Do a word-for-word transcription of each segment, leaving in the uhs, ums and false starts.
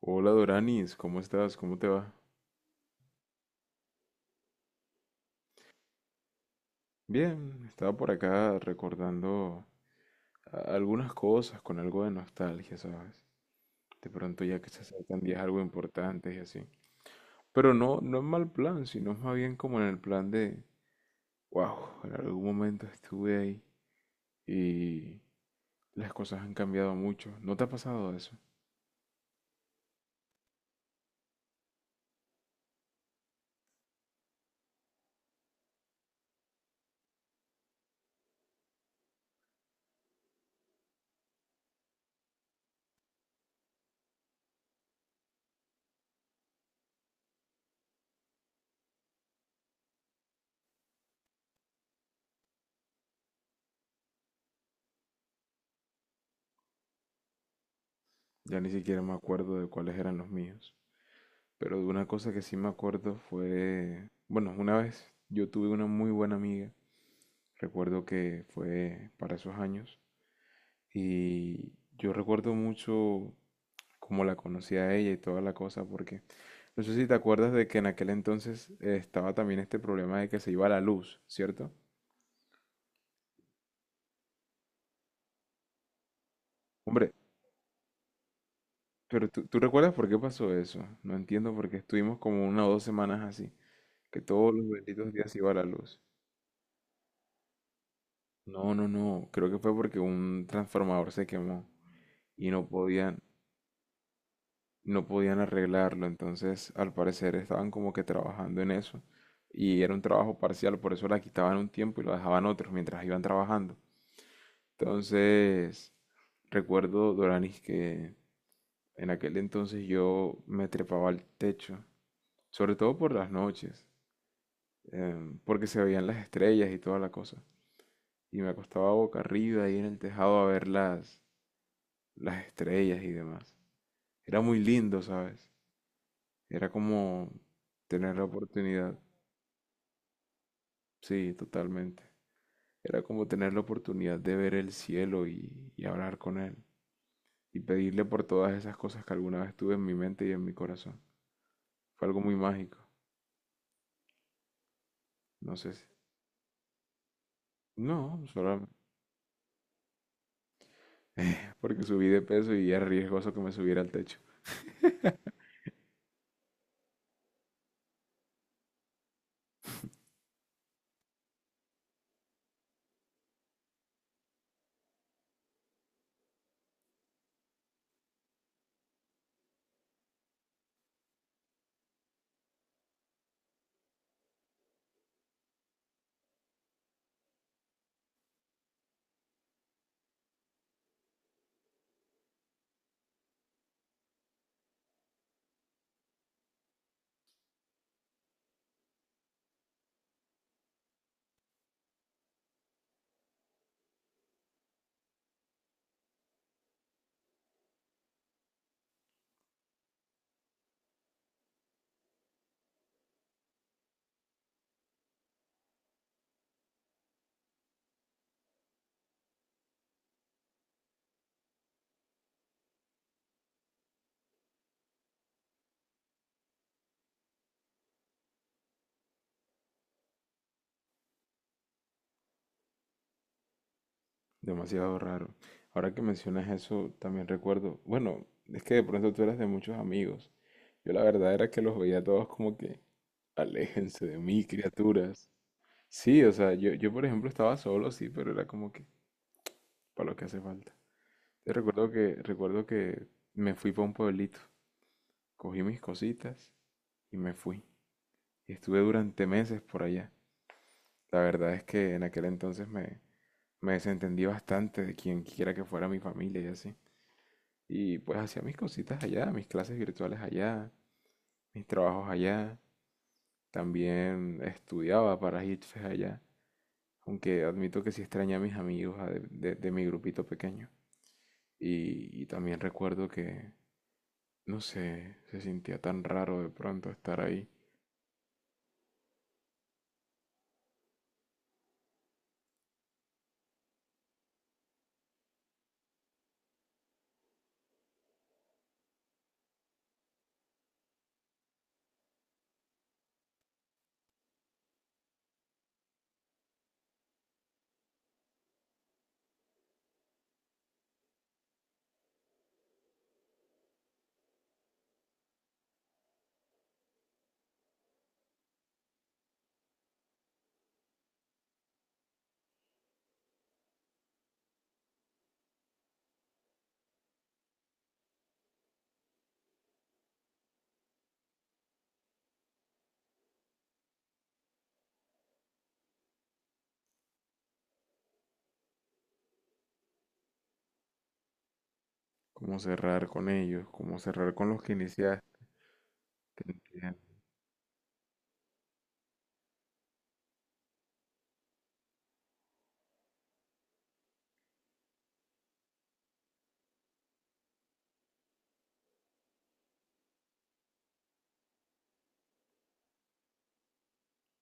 Hola Doranis, ¿cómo estás? ¿Cómo te va? Bien, estaba por acá recordando a- algunas cosas con algo de nostalgia, ¿sabes? De pronto ya que se acercan días algo importantes y así. Pero no, no en mal plan, sino más bien como en el plan de, wow, en algún momento estuve ahí y las cosas han cambiado mucho. ¿No te ha pasado eso? Ya ni siquiera me acuerdo de cuáles eran los míos. Pero de una cosa que sí me acuerdo fue, bueno, una vez yo tuve una muy buena amiga. Recuerdo que fue para esos años y yo recuerdo mucho cómo la conocí a ella y toda la cosa, porque no sé si te acuerdas de que en aquel entonces eh, estaba también este problema de que se iba la luz, ¿cierto? Hombre, pero tú, tú recuerdas por qué pasó eso. No entiendo por qué estuvimos como una o dos semanas así, que todos los benditos días se iba la luz. No, no, no, creo que fue porque un transformador se quemó y no podían, no podían arreglarlo. Entonces al parecer estaban como que trabajando en eso y era un trabajo parcial, por eso la quitaban un tiempo y lo dejaban otros mientras iban trabajando. Entonces, recuerdo, Doranis, que en aquel entonces yo me trepaba al techo, sobre todo por las noches, em, porque se veían las estrellas y toda la cosa. Y me acostaba boca arriba ahí en el tejado a ver las, las estrellas y demás. Era muy lindo, ¿sabes? Era como tener la oportunidad. Sí, totalmente. Era como tener la oportunidad de ver el cielo y, y hablar con él y pedirle por todas esas cosas que alguna vez tuve en mi mente y en mi corazón. Fue algo muy mágico. No sé si... No, solo porque subí de peso y era riesgoso que me subiera al techo. Demasiado raro. Ahora que mencionas eso, también recuerdo... Bueno, es que de pronto tú eras de muchos amigos. Yo la verdad era que los veía a todos como que... Aléjense de mí, criaturas. Sí, o sea, yo, yo por ejemplo estaba solo, sí, pero era como que... para lo que hace falta. Yo recuerdo que, recuerdo que me fui para un pueblito, cogí mis cositas y me fui. Y estuve durante meses por allá. La verdad es que en aquel entonces me, me desentendí bastante de quien quiera que fuera mi familia y así. Y pues hacía mis cositas allá, mis clases virtuales allá, mis trabajos allá. También estudiaba para HitFest allá. Aunque admito que sí extrañé a mis amigos a de, de- de mi grupito pequeño. Y, y también recuerdo que, no sé, se sentía tan raro de pronto estar ahí. Cómo cerrar con ellos, cómo cerrar con los que iniciaste. Te entiendo,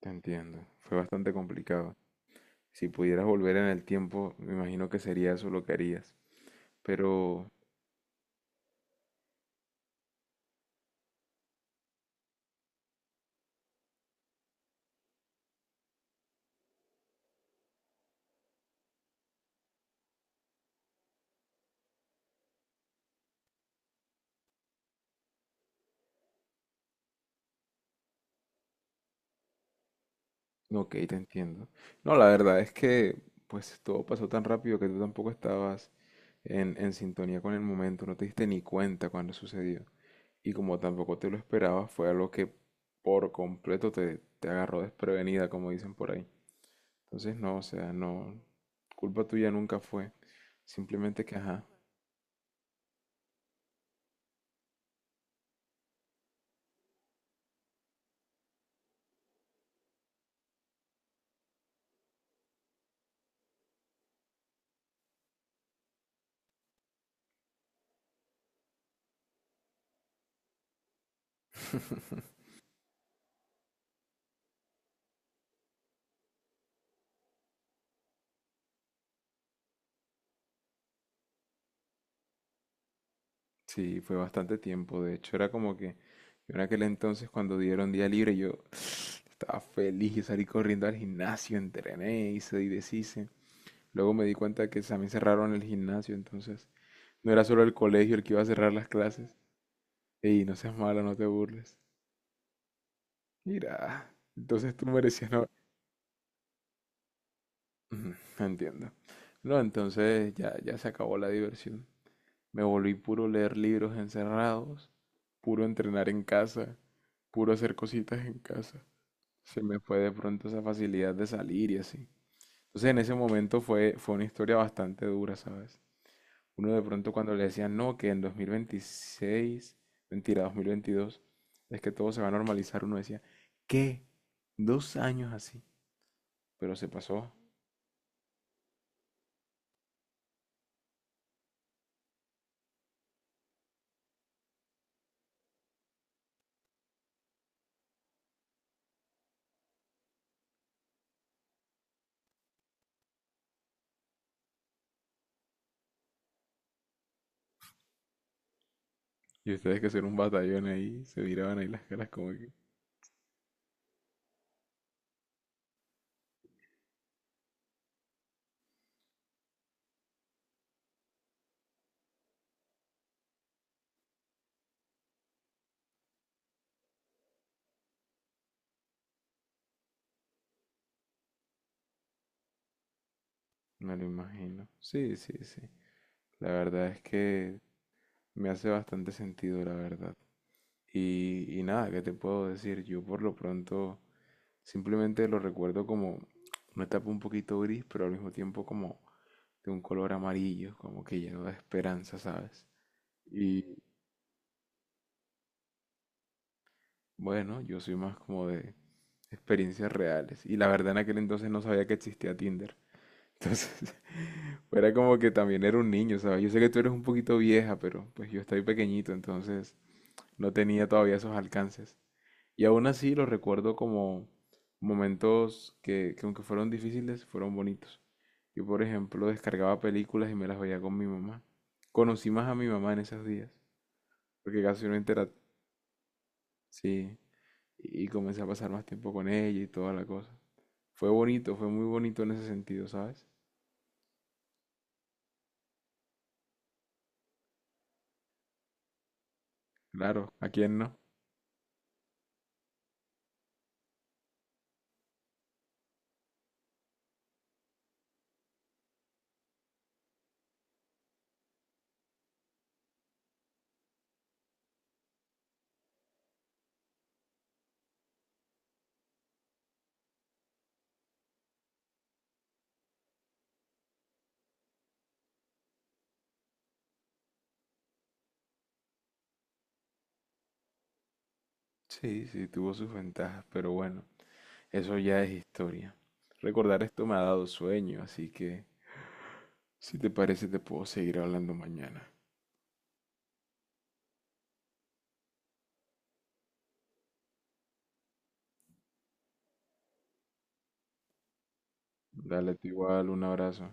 te entiendo. Fue bastante complicado. Si pudieras volver en el tiempo, me imagino que sería eso lo que harías. Pero, ok, te entiendo. No, la verdad es que, pues todo pasó tan rápido que tú tampoco estabas en, en sintonía con el momento, no te diste ni cuenta cuando sucedió. Y como tampoco te lo esperabas, fue algo que por completo te, te agarró desprevenida, como dicen por ahí. Entonces, no, o sea, no, culpa tuya nunca fue. Simplemente que, ajá, sí, fue bastante tiempo. De hecho, era como que yo en aquel entonces cuando dieron día libre, yo estaba feliz, yo salí corriendo al gimnasio, entrené, hice y deshice. Luego me di cuenta que también cerraron el gimnasio, entonces no era solo el colegio el que iba a cerrar las clases. Ey, no seas malo, no te burles. Mira, entonces tú merecías no. Ujú, entiendo. No, entonces ya, ya se acabó la diversión. Me volví puro leer libros encerrados, puro entrenar en casa, puro hacer cositas en casa. Se me fue de pronto esa facilidad de salir y así. Entonces en ese momento fue, fue una historia bastante dura, ¿sabes? Uno de pronto cuando le decían, no, que en dos mil veintiséis, mentira, dos mil veintidós es que todo se va a normalizar, uno decía, ¿qué? Dos años así. Pero se pasó. Y ustedes que ser un batallón ahí, se miraban ahí las caras como que... Me lo imagino. Sí, sí, sí. La verdad es que me hace bastante sentido, la verdad. Y, y nada, ¿qué te puedo decir? Yo por lo pronto simplemente lo recuerdo como una etapa un poquito gris, pero al mismo tiempo como de un color amarillo, como que lleno de esperanza, ¿sabes? Y bueno, yo soy más como de experiencias reales. Y la verdad en aquel entonces no sabía que existía Tinder. Entonces, era como que también era un niño, ¿sabes? Yo sé que tú eres un poquito vieja, pero pues yo estoy pequeñito, entonces no tenía todavía esos alcances. Y aún así los recuerdo como momentos que, que aunque fueron difíciles, fueron bonitos. Yo, por ejemplo, descargaba películas y me las veía con mi mamá. Conocí más a mi mamá en esos días, porque casi no intera... Sí, y y comencé a pasar más tiempo con ella y toda la cosa. Fue bonito, fue muy bonito en ese sentido, ¿sabes? Claro, ¿a quién no? Sí, sí, tuvo sus ventajas, pero bueno, eso ya es historia. Recordar esto me ha dado sueño, así que si te parece te puedo seguir hablando mañana. Dale, tú igual, un abrazo.